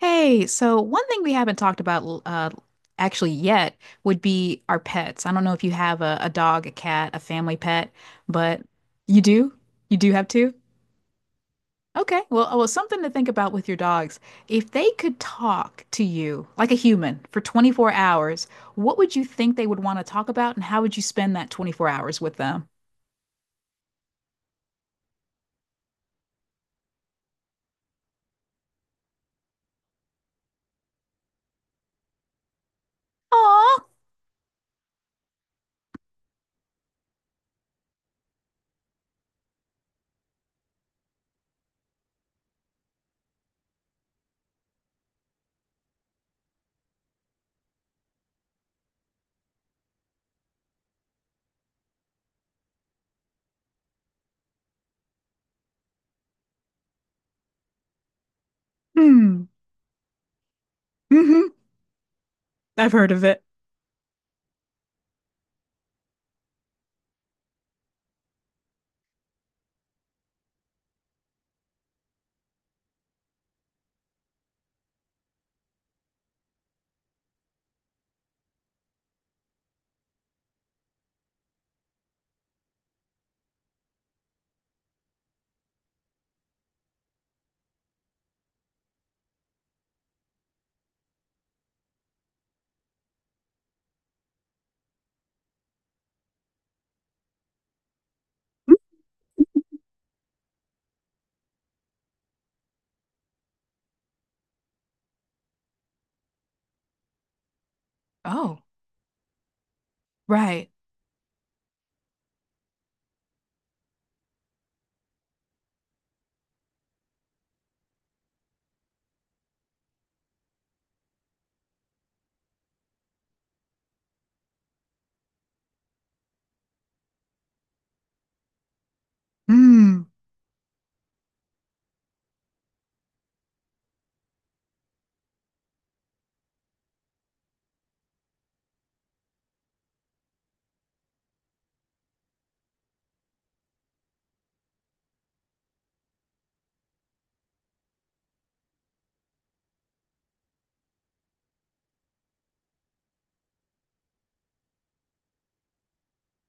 Hey, so one thing we haven't talked about actually yet would be our pets. I don't know if you have a dog, a cat, a family pet, but you do? You do have two? Okay. Well, oh, well, something to think about with your dogs. If they could talk to you like a human for 24 hours, what would you think they would want to talk about, and how would you spend that 24 hours with them? Aw. Hmm. hmm I've heard of it. Oh, right. Hmm.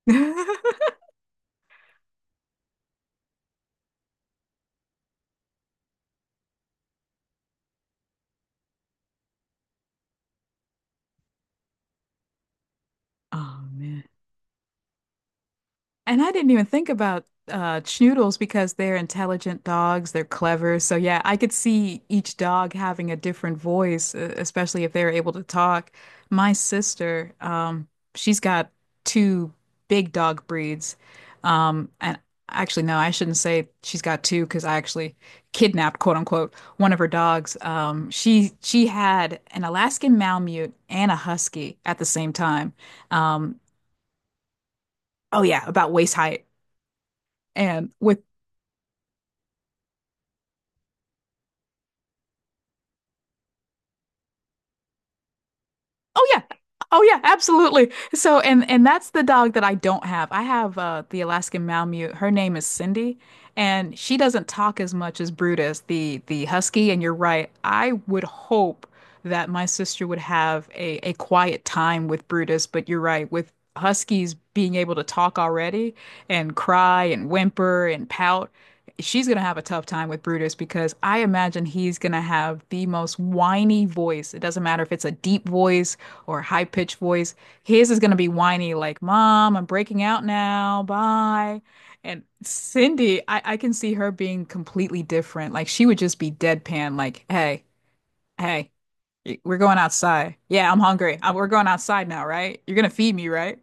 Oh, man. And I didn't even think about schnoodles because they're intelligent dogs, they're clever. So yeah, I could see each dog having a different voice, especially if they're able to talk. My sister, she's got two big dog breeds. And actually no, I shouldn't say she's got two because I actually kidnapped, quote unquote, one of her dogs. She had an Alaskan Malamute and a Husky at the same time. Um, oh yeah, about waist height. And with. Oh yeah. Oh yeah, absolutely. So and that's the dog that I don't have. I have the Alaskan Malamute. Her name is Cindy, and she doesn't talk as much as Brutus, the husky, and you're right. I would hope that my sister would have a quiet time with Brutus, but you're right, with huskies being able to talk already and cry and whimper and pout, she's gonna have a tough time with Brutus because I imagine he's gonna have the most whiny voice. It doesn't matter if it's a deep voice or high pitched voice. His is going to be whiny, like, Mom, I'm breaking out now. Bye. And Cindy, I can see her being completely different. Like, she would just be deadpan, like, Hey, hey, we're going outside. Yeah, I'm hungry. We're going outside now, right? You're going to feed me, right?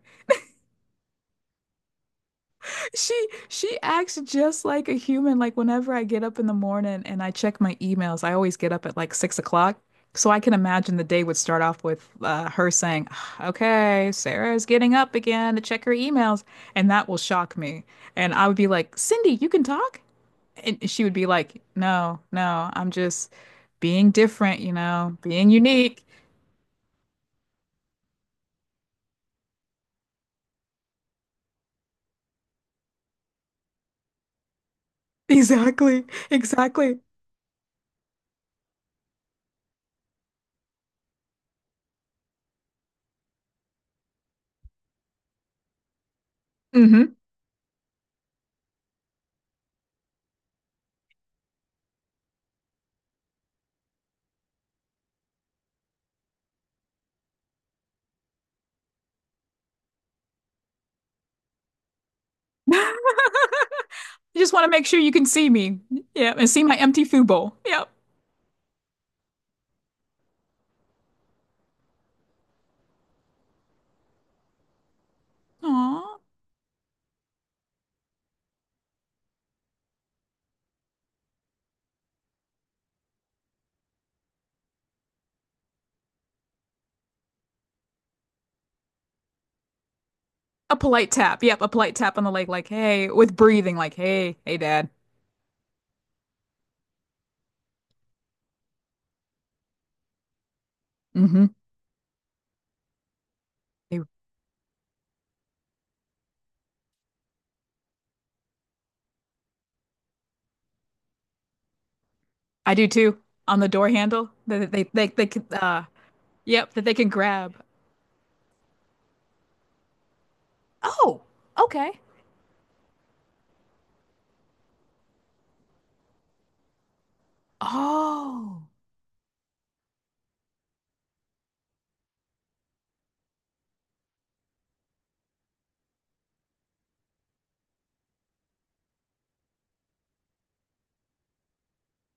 She acts just like a human. Like whenever I get up in the morning and I check my emails, I always get up at like 6 o'clock. So I can imagine the day would start off with her saying, "Ah, Okay, Sarah is getting up again to check her emails," and that will shock me. And I would be like, "Cindy, you can talk?" And she would be like, "No, no, I'm just being different, you know, being unique." Exactly, exactly. hmm You just want to make sure you can see me. Yeah, and see my empty food bowl. Yep. Aw. A polite tap. Yep, a polite tap on the leg, like, hey, with breathing, like, hey, hey, dad. Mm-hmm. They- I do too. On the door handle that they can, yep, that they can grab. Oh, okay. Oh.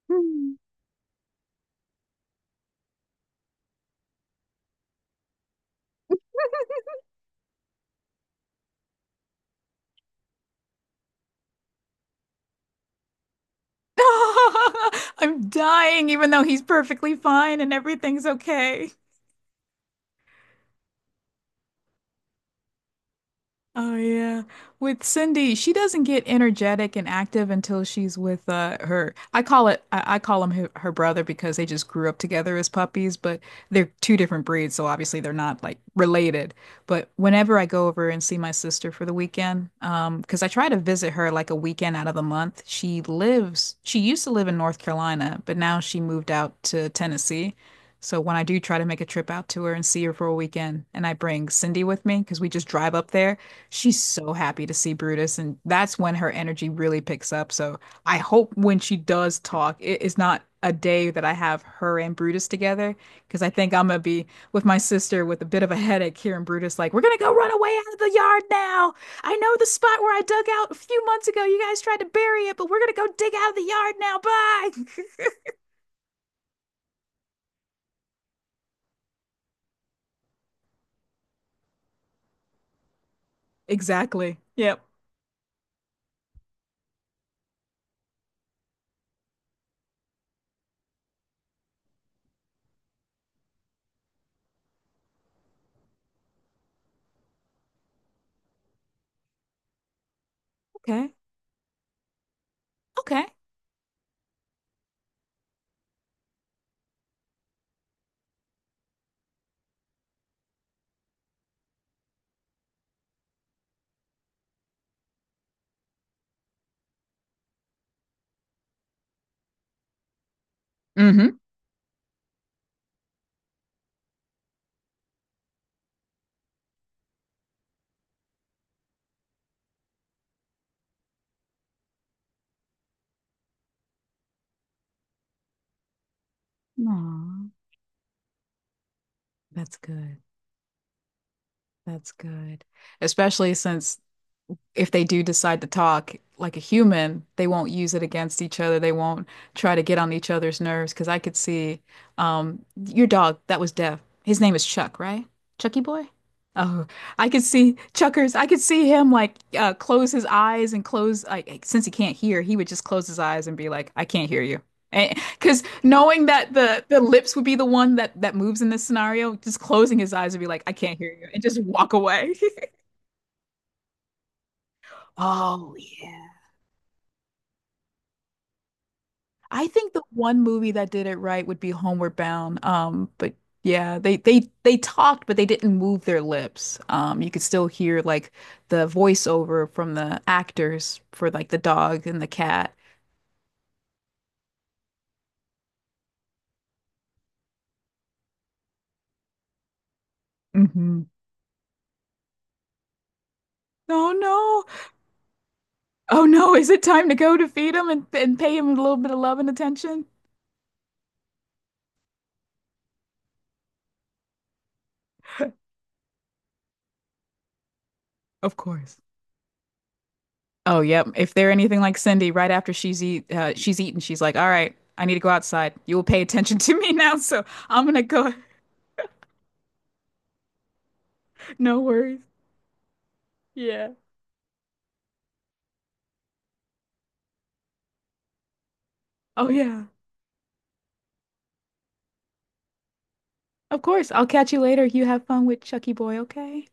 Hmm. I'm dying, even though he's perfectly fine and everything's okay. Oh yeah. With Cindy, she doesn't get energetic and active until she's with her. I call him her brother because they just grew up together as puppies, but they're two different breeds, so obviously they're not like related. But whenever I go over and see my sister for the weekend, because I try to visit her like a weekend out of the month, she used to live in North Carolina, but now she moved out to Tennessee. So when I do try to make a trip out to her and see her for a weekend, and I bring Cindy with me because we just drive up there, she's so happy to see Brutus, and that's when her energy really picks up. So I hope when she does talk, it is not a day that I have her and Brutus together because I think I'm gonna be with my sister with a bit of a headache here, and Brutus like, we're gonna go run away out of the yard now. I know the spot where I dug out a few months ago. You guys tried to bury it, but we're gonna go dig out of the yard now. Bye. Exactly. Yep. Okay. Okay. Mm-hmm. Aw, that's good. That's good. Especially since if they do decide to talk like a human, they won't use it against each other. They won't try to get on each other's nerves. Because I could see your dog that was deaf. His name is Chuck, right? Chucky Boy? Oh, I could see Chuckers. I could see him like close his eyes and close like since he can't hear, he would just close his eyes and be like, "I can't hear you." Because knowing that the lips would be the one that moves in this scenario, just closing his eyes would be like, "I can't hear you," and just walk away. Oh, yeah. I think the one movie that did it right would be Homeward Bound. But yeah, they talked, but they didn't move their lips. You could still hear like the voiceover from the actors for like the dog and the cat. hmm Oh no. Oh no, is it time to go to feed him and pay him a little bit of love and attention? Of course. Oh yep. If they're anything like Cindy, right after she's eaten, she's like, "All right, I need to go outside. You will pay attention to me now, so I'm gonna go." No worries. Yeah. Oh, yeah. Of course. I'll catch you later. You have fun with Chucky Boy, okay?